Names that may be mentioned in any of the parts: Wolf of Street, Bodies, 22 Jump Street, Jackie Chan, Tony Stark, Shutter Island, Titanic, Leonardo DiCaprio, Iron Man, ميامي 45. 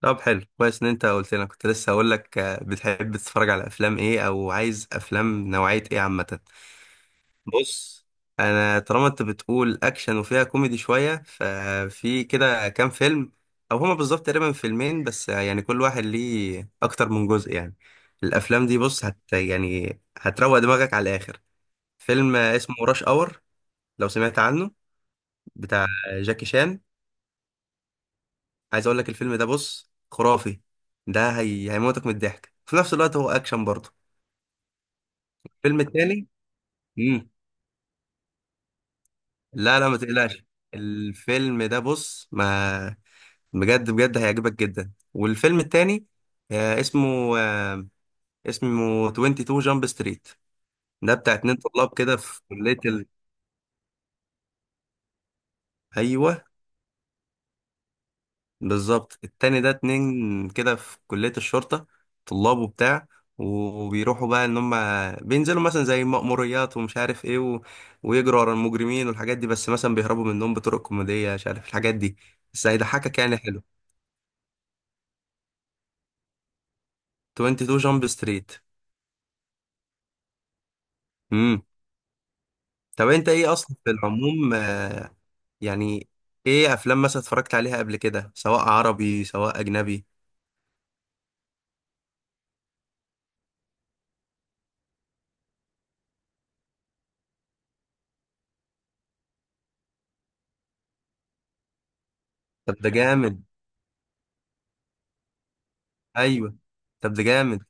طب حلو كويس ان انت قلت لنا كنت لسه هقول لك، بتحب تتفرج على افلام ايه او عايز افلام نوعية ايه عامة؟ بص، انا طالما انت بتقول اكشن وفيها كوميدي شوية، ففي كده كام فيلم او هما بالظبط تقريبا فيلمين بس، يعني كل واحد ليه اكتر من جزء يعني. الافلام دي بص يعني هتروق دماغك على الاخر. فيلم اسمه راش اور، لو سمعت عنه، بتاع جاكي شان. عايز اقول لك الفيلم ده بص خرافي. ده هيموتك من الضحك، في نفس الوقت هو اكشن برضه. الفيلم التاني، امم لا لا ما تقلقش، الفيلم ده بص ما بجد بجد هيعجبك جدا. والفيلم التاني آه، اسمه آه، اسمه 22 جامب ستريت. ده بتاع اتنين طلاب كده في كلية. ايوه بالظبط، التاني ده اتنين كده في كلية الشرطة، طلاب وبتاع، وبيروحوا بقى ان هم بينزلوا مثلا زي مأموريات ومش عارف ايه ويجروا ورا المجرمين والحاجات دي، بس مثلا بيهربوا منهم بطرق كوميدية مش عارف الحاجات دي، بس هيضحكك يعني حلو. 22 جامب ستريت. امم طب انت ايه اصلا في العموم، يعني ايه افلام مثلا اتفرجت عليها قبل كده، سواء عربي سواء اجنبي؟ طب ده جامد. ايوه. طب ده جامد.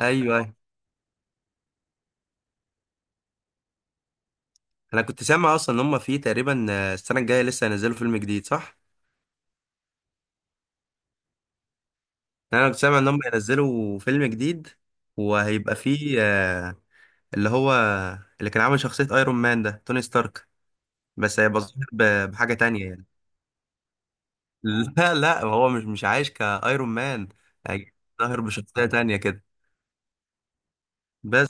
ايوه. أيوه. انا كنت سامع اصلا ان هم في تقريبا، السنه الجايه لسه هينزلوا فيلم جديد، صح؟ يعني انا كنت سامع ان هم هينزلوا فيلم جديد، وهيبقى فيه، اللي هو اللي كان عامل شخصيه ايرون مان ده، توني ستارك، بس هيبقى ظاهر بحاجه تانية يعني. لا لا هو مش عايش كايرون مان، هي- ظاهر بشخصيه تانية كده بس.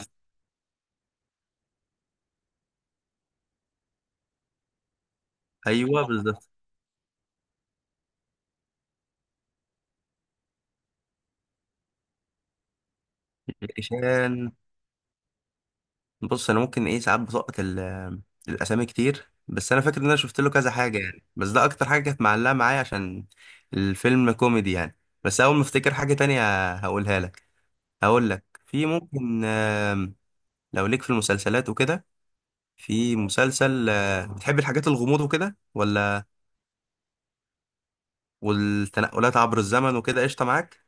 ايوه بالظبط. جاكي شان، بص انا ممكن ايه ساعات بسقط الاسامي كتير، بس انا فاكر ان انا شفت له كذا حاجه يعني، بس ده اكتر حاجه كانت معلقه معايا عشان الفيلم كوميدي يعني. بس اول ما افتكر حاجه تانية هقولها لك. هقول لك في ممكن، لو ليك في المسلسلات وكده. في مسلسل بتحب الحاجات الغموض وكده ولا، والتنقلات عبر الزمن وكده، قشطه معاك؟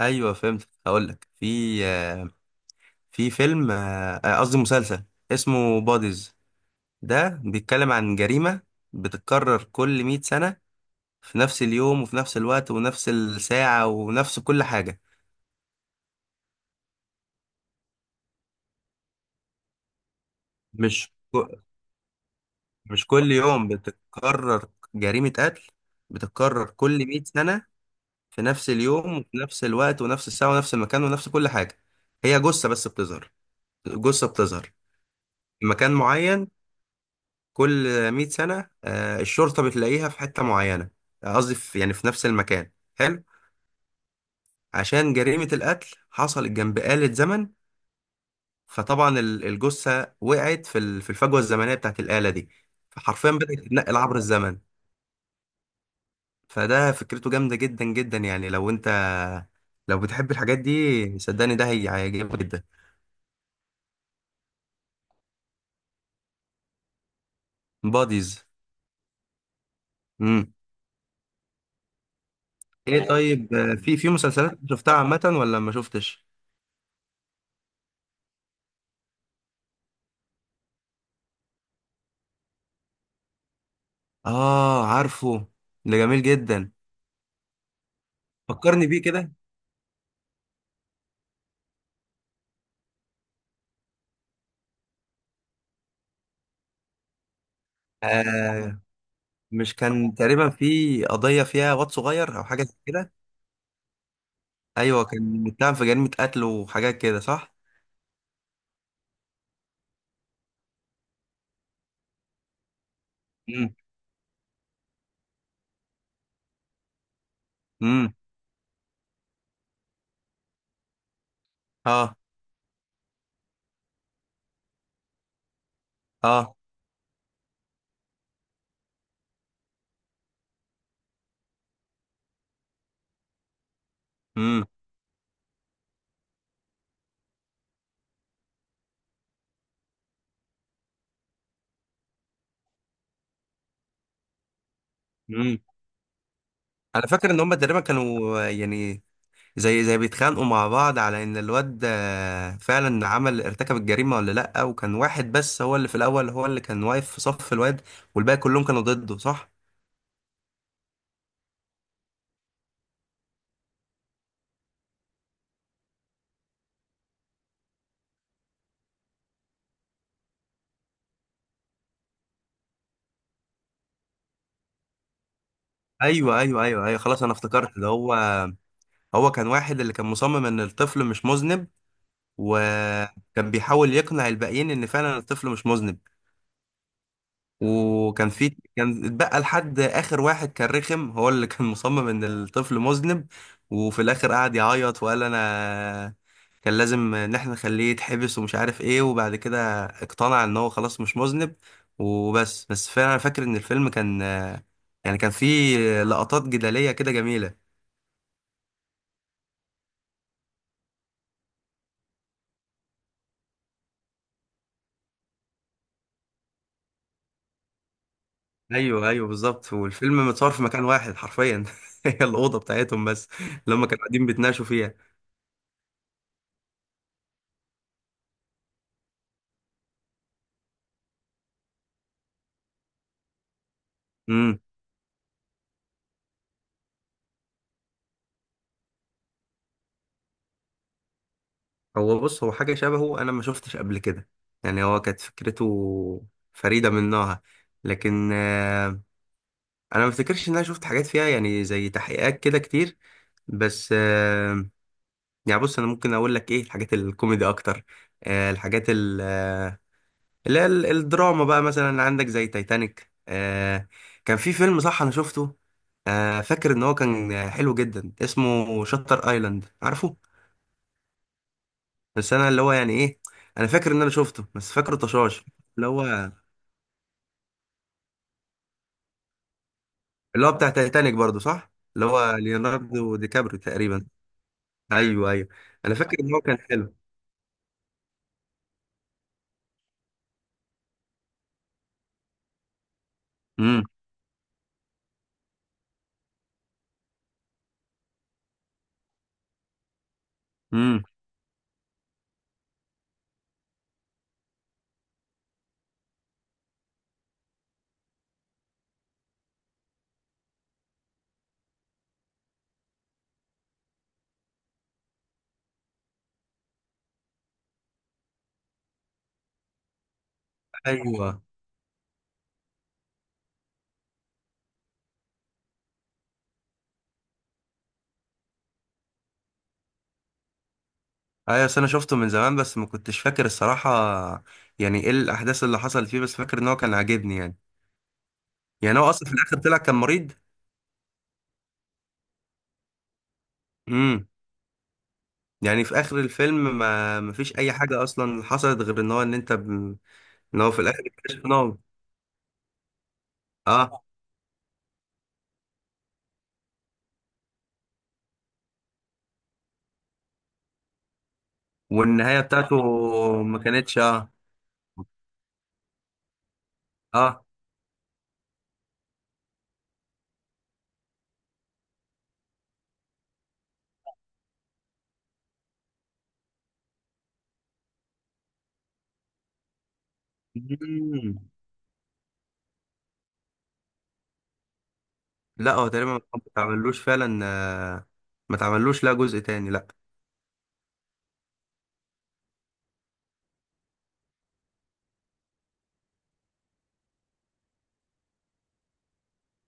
ايوه فهمت. هقول لك في في فيلم، قصدي مسلسل، اسمه بوديز. ده بيتكلم عن جريمة بتتكرر كل 100 سنة، في نفس اليوم وفي نفس الوقت ونفس الساعة ونفس كل حاجة. مش ك- مش كل يوم بتتكرر، جريمة قتل بتتكرر كل 100 سنة في نفس اليوم وفي نفس الوقت ونفس الساعة ونفس المكان ونفس كل حاجة. هي جثة بس بتظهر، جثة بتظهر في مكان معين كل 100 سنة، الشرطة بتلاقيها في حتة معينة، قصدي يعني في نفس المكان، حلو. عشان جريمة القتل حصلت جنب آلة زمن، فطبعا الجثة وقعت في الفجوة الزمنية بتاعت الآلة دي، فحرفيا بدأت تتنقل عبر الزمن. فده فكرته جامدة جدا جدا، يعني لو بتحب الحاجات دي صدقني ده هيعجبك جدا. باديز. امم ايه طيب، في مسلسلات شفتها عامة ولا ما شفتش؟ اه عارفه، ده جميل جدا، فكرني بيه كده. آه مش كان تقريبا في قضية فيها واد صغير او حاجة زي كده؟ ايوه كان متهم في جريمه قتل وحاجات كده، صح؟ امم. امم. اه. اه. امم. امم. انا فاكر ان هم تقريبا كانوا، يعني زي، بيتخانقوا مع بعض على ان الواد فعلا عمل ارتكب الجريمه ولا لا، وكان واحد بس هو اللي في الاول هو اللي كان واقف في صف الواد، والباقي كلهم كانوا ضده، صح؟ ايوه ايوه ايوه ايوه خلاص انا افتكرت، ده هو. هو كان واحد اللي كان مصمم ان الطفل مش مذنب، وكان بيحاول يقنع الباقيين ان فعلا الطفل مش مذنب، وكان في، كان اتبقى لحد اخر واحد كان رخم، هو اللي كان مصمم ان الطفل مذنب. وفي الاخر قعد يعيط وقال انا كان لازم ان احنا نخليه يتحبس ومش عارف ايه، وبعد كده اقتنع ان هو خلاص مش مذنب. وبس فعلا انا فاكر ان الفيلم كان، يعني كان فيه لقطات جدالية كده جميلة. ايوه ايوه بالظبط، والفيلم متصور في مكان واحد حرفيا هي الاوضه بتاعتهم بس، اللي هم كانوا قاعدين بيتناقشوا فيها. بص هو حاجة شبهه أنا ما شفتش قبل كده، يعني هو كانت فكرته فريدة من نوعها، لكن أنا ما افتكرش إن أنا شفت حاجات فيها يعني زي تحقيقات كده كتير، بس يعني بص أنا ممكن أقول لك إيه الحاجات الكوميدي أكتر. الحاجات الدراما بقى مثلا عندك زي تايتانيك. كان في فيلم صح أنا شفته، فاكر إن هو كان حلو جدا، اسمه شاتر آيلاند، عارفه؟ بس انا اللي هو يعني ايه، انا فاكر ان انا شفته بس فاكره طشاش. اللي هو، بتاع تايتانيك برضو، صح؟ اللي هو ليوناردو دي كابريو تقريبا. ايوه ايوه. انا فاكر ان هو كان حلو. امم. امم. ايوه ايوه. بس انا شفته من زمان بس ما كنتش فاكر الصراحه يعني ايه الاحداث اللي حصلت فيه، بس فاكر ان هو كان عاجبني يعني. يعني هو اصلا في الاخر طلع كان مريض. امم يعني في اخر الفيلم ما فيش اي حاجه اصلا حصلت غير ان انت ان هو في الاخر اكتشف ان هو اه والنهايه بتاعته ما كانتش اه اه. مم. لا هو تقريبا ما اتعملوش فعلا، ما اتعملوش لا جزء تاني لا.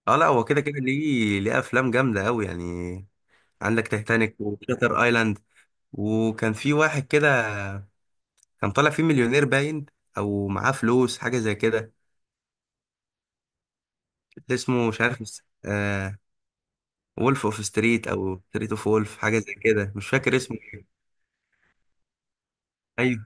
اه لا هو كده كده ليه افلام جامده قوي يعني. عندك تايتانيك وشاتر ايلاند، وكان في واحد كده كان طالع فيه مليونير باين او معاه فلوس حاجه زي كده، اسمه مش عارف. وولف اوف ستريت او ستريت اوف وولف، حاجه زي كده مش فاكر اسمه. إيه.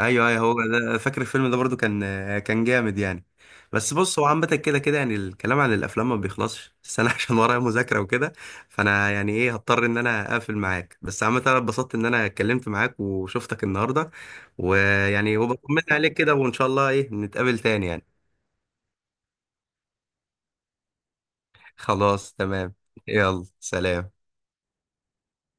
ايوه ايوه هو ده، فاكر الفيلم ده برضو كان جامد يعني. بس بص هو عامة كده كده، يعني الكلام عن الافلام ما بيخلصش، بس انا عشان ورايا مذاكرة وكده، فانا يعني ايه هضطر ان انا اقفل معاك، بس عامة انا اتبسطت ان انا اتكلمت معاك وشفتك النهاردة، ويعني وبطمن عليك كده، وان شاء الله ايه نتقابل تاني يعني. خلاص تمام. يلا سلام.